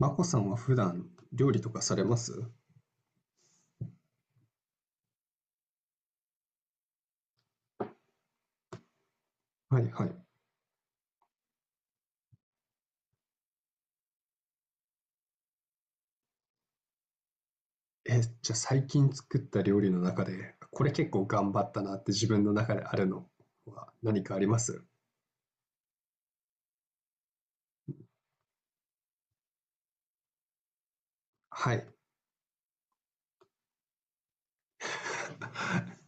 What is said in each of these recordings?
マコさんは普段料理とかされます？はいはい。え、じゃあ最近作った料理の中で、これ結構頑張ったなって自分の中であるのは何かあります？はい。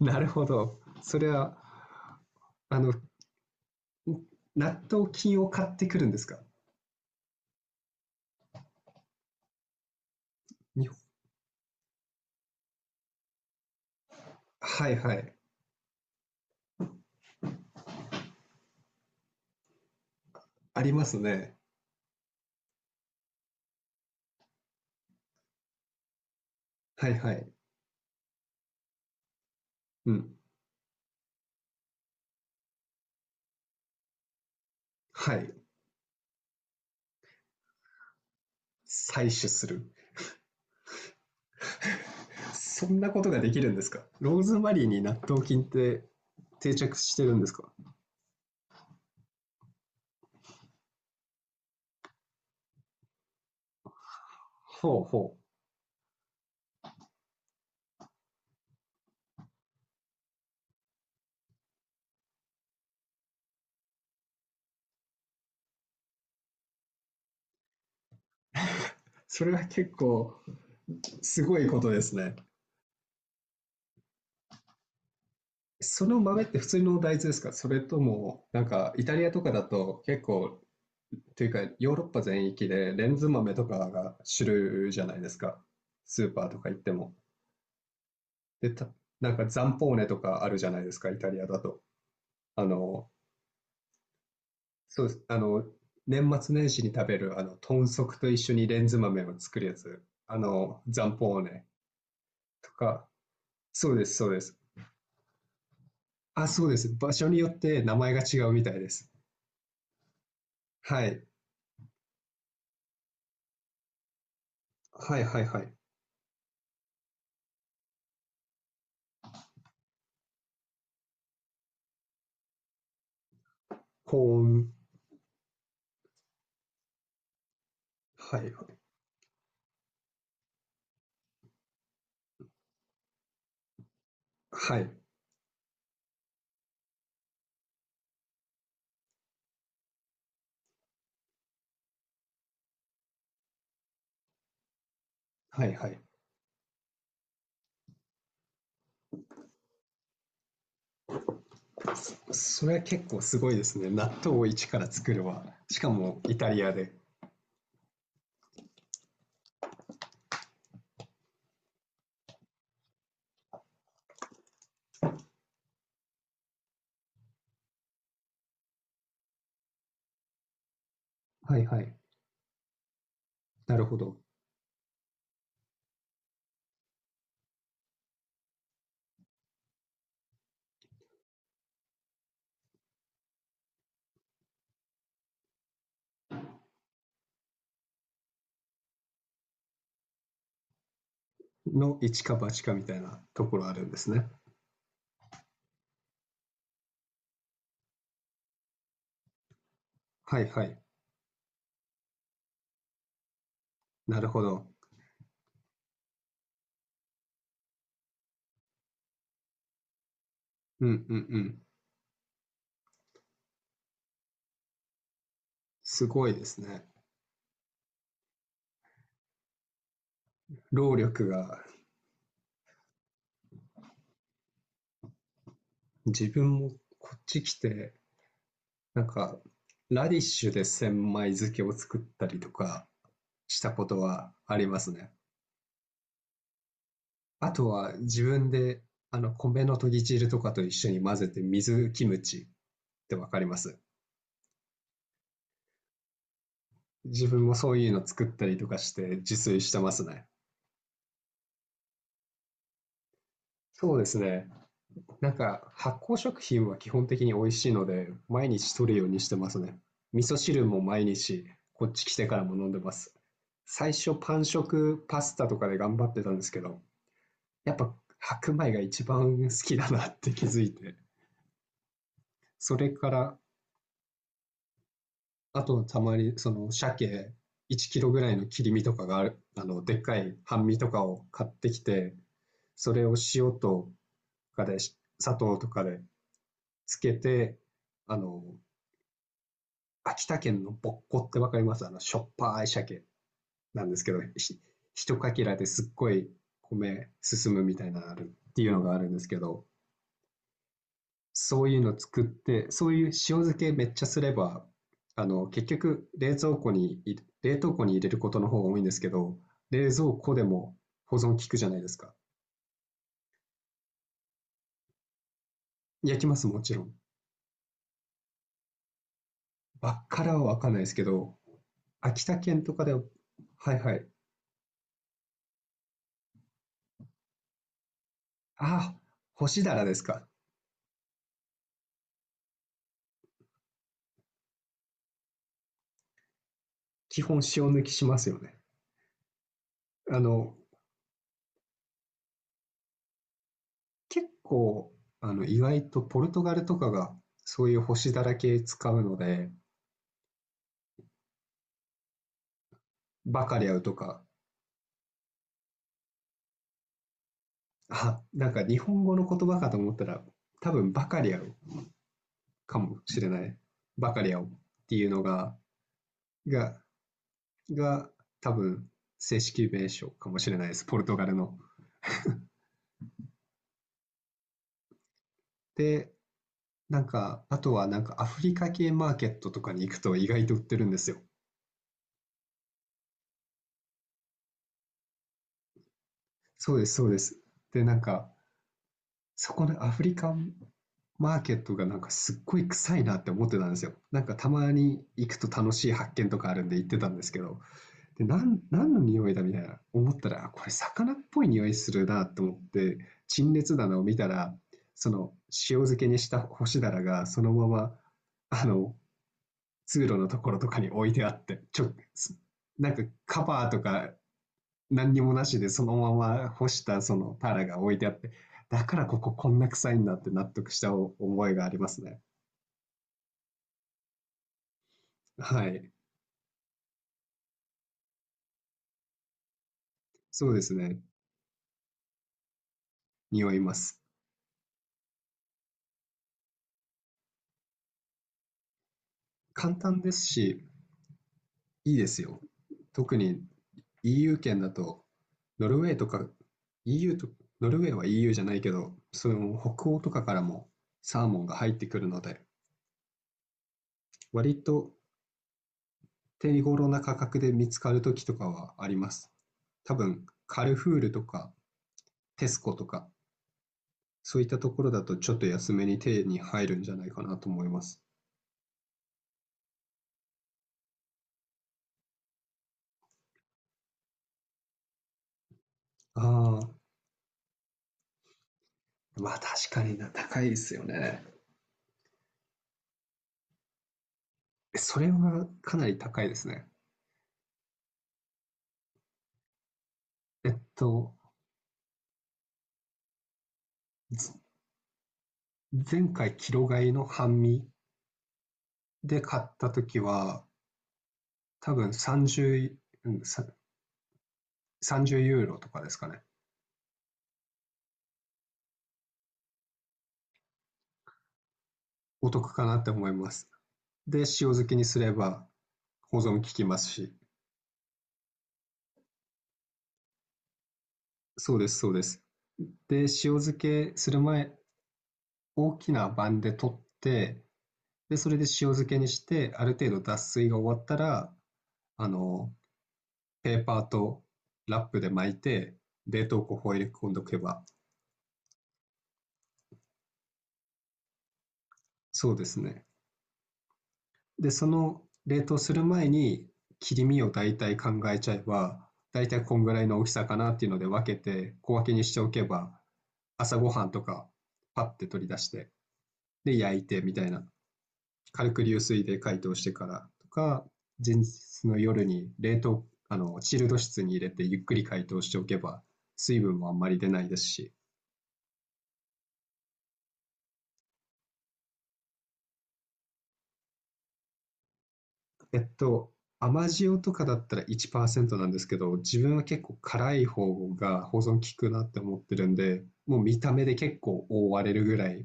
なるほど。それは、あの、納豆菌を買ってくるんですか？日本。はいはい。ありますね。はいはい。うん。はい。採取する。そんなことができるんですか？ローズマリーに納豆菌って定着してるんですか？ほうほう。それは結構すごいことですね。その豆って普通の大豆ですか？それとも、なんかイタリアとかだと結構、というかヨーロッパ全域でレンズ豆とかが主流じゃないですか。スーパーとか行っても。で、なんかザンポーネとかあるじゃないですか、イタリアだと。あの、そうです。年末年始に食べる、豚足と一緒にレンズ豆を作るやつ。ザンポーネとか。そうです、そうです。あ、そうです。場所によって名前が違うみたいです。はい。はいはいはい。保温。はいはい。はい。はいはい。それは結構すごいですね。納豆を一から作るわ。しかもイタリアで。はいはい。なるほど。の一か八かみたいなところあるんですね。はいはい。なるほど。うんうんうん。すごいですね。労力が、自分もこっち来て、なんか、ラディッシュで千枚漬けを作ったりとかしたことはありますね。あとは自分で、米のとぎ汁とかと一緒に混ぜて水キムチってわかります？自分もそういうの作ったりとかして自炊してますね。そうですね。なんか発酵食品は基本的に美味しいので、毎日取るようにしてますね。味噌汁も毎日、こっち来てからも飲んでます。最初パン食パスタとかで頑張ってたんですけど、やっぱ白米が一番好きだなって気づいて、それからあと、たまに、その、鮭1キロぐらいの切り身とかがある、でっかい半身とかを買ってきて、それを塩とかで、砂糖とかでつけて、あの、秋田県のぼっこってわかります？しょっぱい鮭なんですけど、一かけらですっごい米進むみたいなのあるっていうのがあるんですけど、そういうの作って、そういう塩漬けめっちゃすれば、結局冷蔵庫に冷凍庫に入れることの方が多いんですけど、冷蔵庫でも保存効くじゃないですか。焼きます、もちろん。バッカラはわかんないですけど、秋田県とかでは、はいはい。ああ、干しだらですか。基本塩抜きしますよね。あの、結構、意外とポルトガルとかがそういう干しだら系使うので、バカリャウとか。あ、なんか日本語の言葉かと思ったら、多分バカリアルかもしれない。バカリアルっていうのが、が、多分正式名称かもしれないです。ポルトガルの。で、なんか、あとはなんかアフリカ系マーケットとかに行くと意外と売ってるんですよ。そうです、そうです。で、なんか、そこのアフリカンマーケットがなんかすっごい臭いなって思ってたんですよ。なんかたまに行くと楽しい発見とかあるんで行ってたんですけど、で、何の匂いだみたいな思ったら、あ、これ魚っぽい匂いするなと思って、陳列棚を見たら、その塩漬けにした干しだらがそのまま、あの、通路のところとかに置いてあって、なんかカバーとか何にもなしでそのまま干したそのタラが置いてあって、だからこここんな臭いんだって納得した思いがありますね。はい。そうですね。匂います。簡単ですし、いいですよ。特に EU 圏だと、ノルウェーとか、EU と、ノルウェーは EU じゃないけど、その北欧とかからもサーモンが入ってくるので、割と手頃な価格で見つかる時とかはあります。多分、カルフールとか、テスコとか、そういったところだとちょっと安めに手に入るんじゃないかなと思います。ああ、まあ確かにな、高いですよね。それはかなり高いですね。えっと、前回、キロ買いの半身で、買った時は、多分30、うん、30ユーロとかですかね。お得かなって思います。で、塩漬けにすれば保存効きますし。そうです、そうです。で、塩漬けする前、大きな盤で取って、で、それで塩漬けにして、ある程度脱水が終わったら、あの、ペーパーとラップで巻いて、冷凍庫を入れ込んでおけば、そうですね。で、その冷凍する前に切り身を大体考えちゃえば、大体こんぐらいの大きさかなっていうので分けて小分けにしておけば、朝ごはんとかパッて取り出して、で、焼いてみたいな。軽く流水で解凍してからとか、前日の夜に冷凍、チルド室に入れてゆっくり解凍しておけば、水分もあんまり出ないですし、えっと、甘塩とかだったら1%なんですけど、自分は結構辛い方が保存効くなって思ってるんで、もう見た目で結構覆われるぐらい。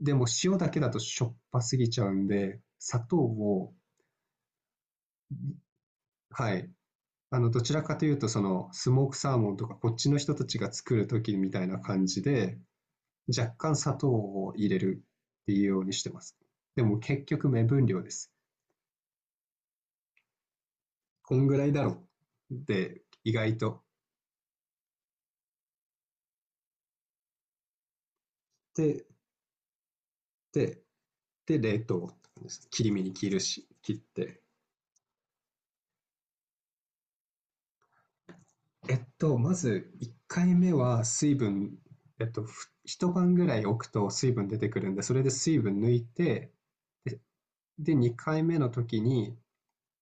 でも塩だけだとしょっぱすぎちゃうんで、砂糖を、はい。どちらかというと、その、スモークサーモンとか、こっちの人たちが作る時みたいな感じで、若干砂糖を入れるっていうようにしてます。でも結局目分量です。こんぐらいだろう。で、意外と。で、で、で、冷凍です。切り身に切るし、切って。まず1回目は水分、一晩ぐらい置くと水分出てくるんで、それで水分抜いて、で、2回目の時に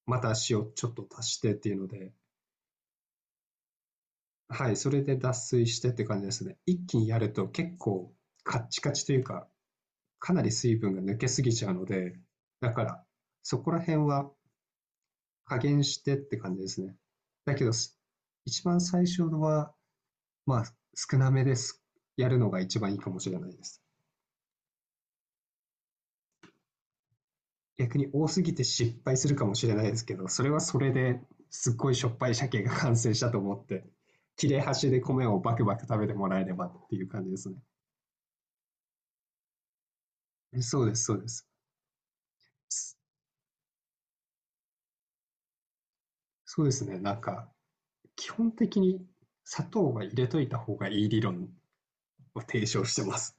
また塩ちょっと足してっていうので、はい、それで脱水してって感じですね。一気にやると結構カッチカチというか、かなり水分が抜けすぎちゃうので、だからそこら辺は加減してって感じですね。だけど、一番最初のは、まあ、少なめです。やるのが一番いいかもしれないです。逆に多すぎて失敗するかもしれないですけど、それはそれですっごいしょっぱい鮭が完成したと思って、切れ端で米をバクバク食べてもらえればっていう感じですね。そうです、そうです。すそうですね。なんか、基本的に砂糖は入れといた方がいい理論を提唱してます。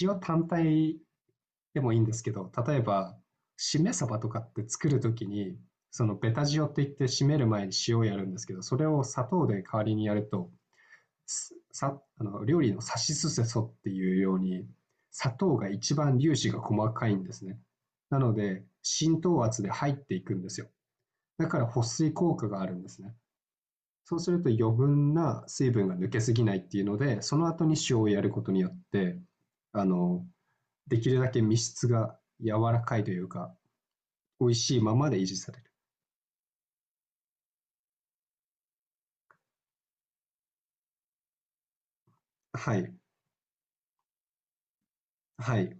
塩単体でもいいんですけど、例えば、しめ鯖とかって作るときに、そのベタ塩って言って締める前に塩をやるんですけど、それを砂糖で代わりにやると、さ、あの、料理のさしすせそっていうように、砂糖が一番粒子が細かいんですね。なので、浸透圧で入っていくんですよ。だから保水効果があるんですね。そうすると余分な水分が抜けすぎないっていうので、その後に塩をやることによって、あの、できるだけ身質が柔らかいというか、美味しいままで維持される。はい。はい。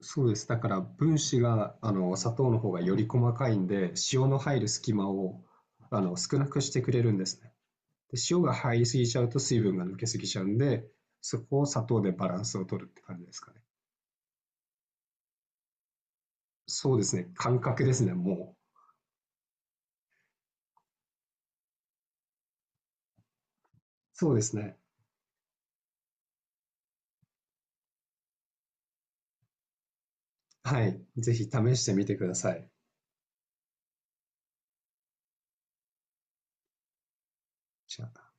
そうです。だから分子が、砂糖の方がより細かいんで、塩の入る隙間を、少なくしてくれるんですね。で、塩が入りすぎちゃうと水分が抜けすぎちゃうんで、そこを砂糖でバランスを取るって感じですかね。そうですね。感覚ですね、もう。そうですね。はい。ぜひ試してみてください。じゃあ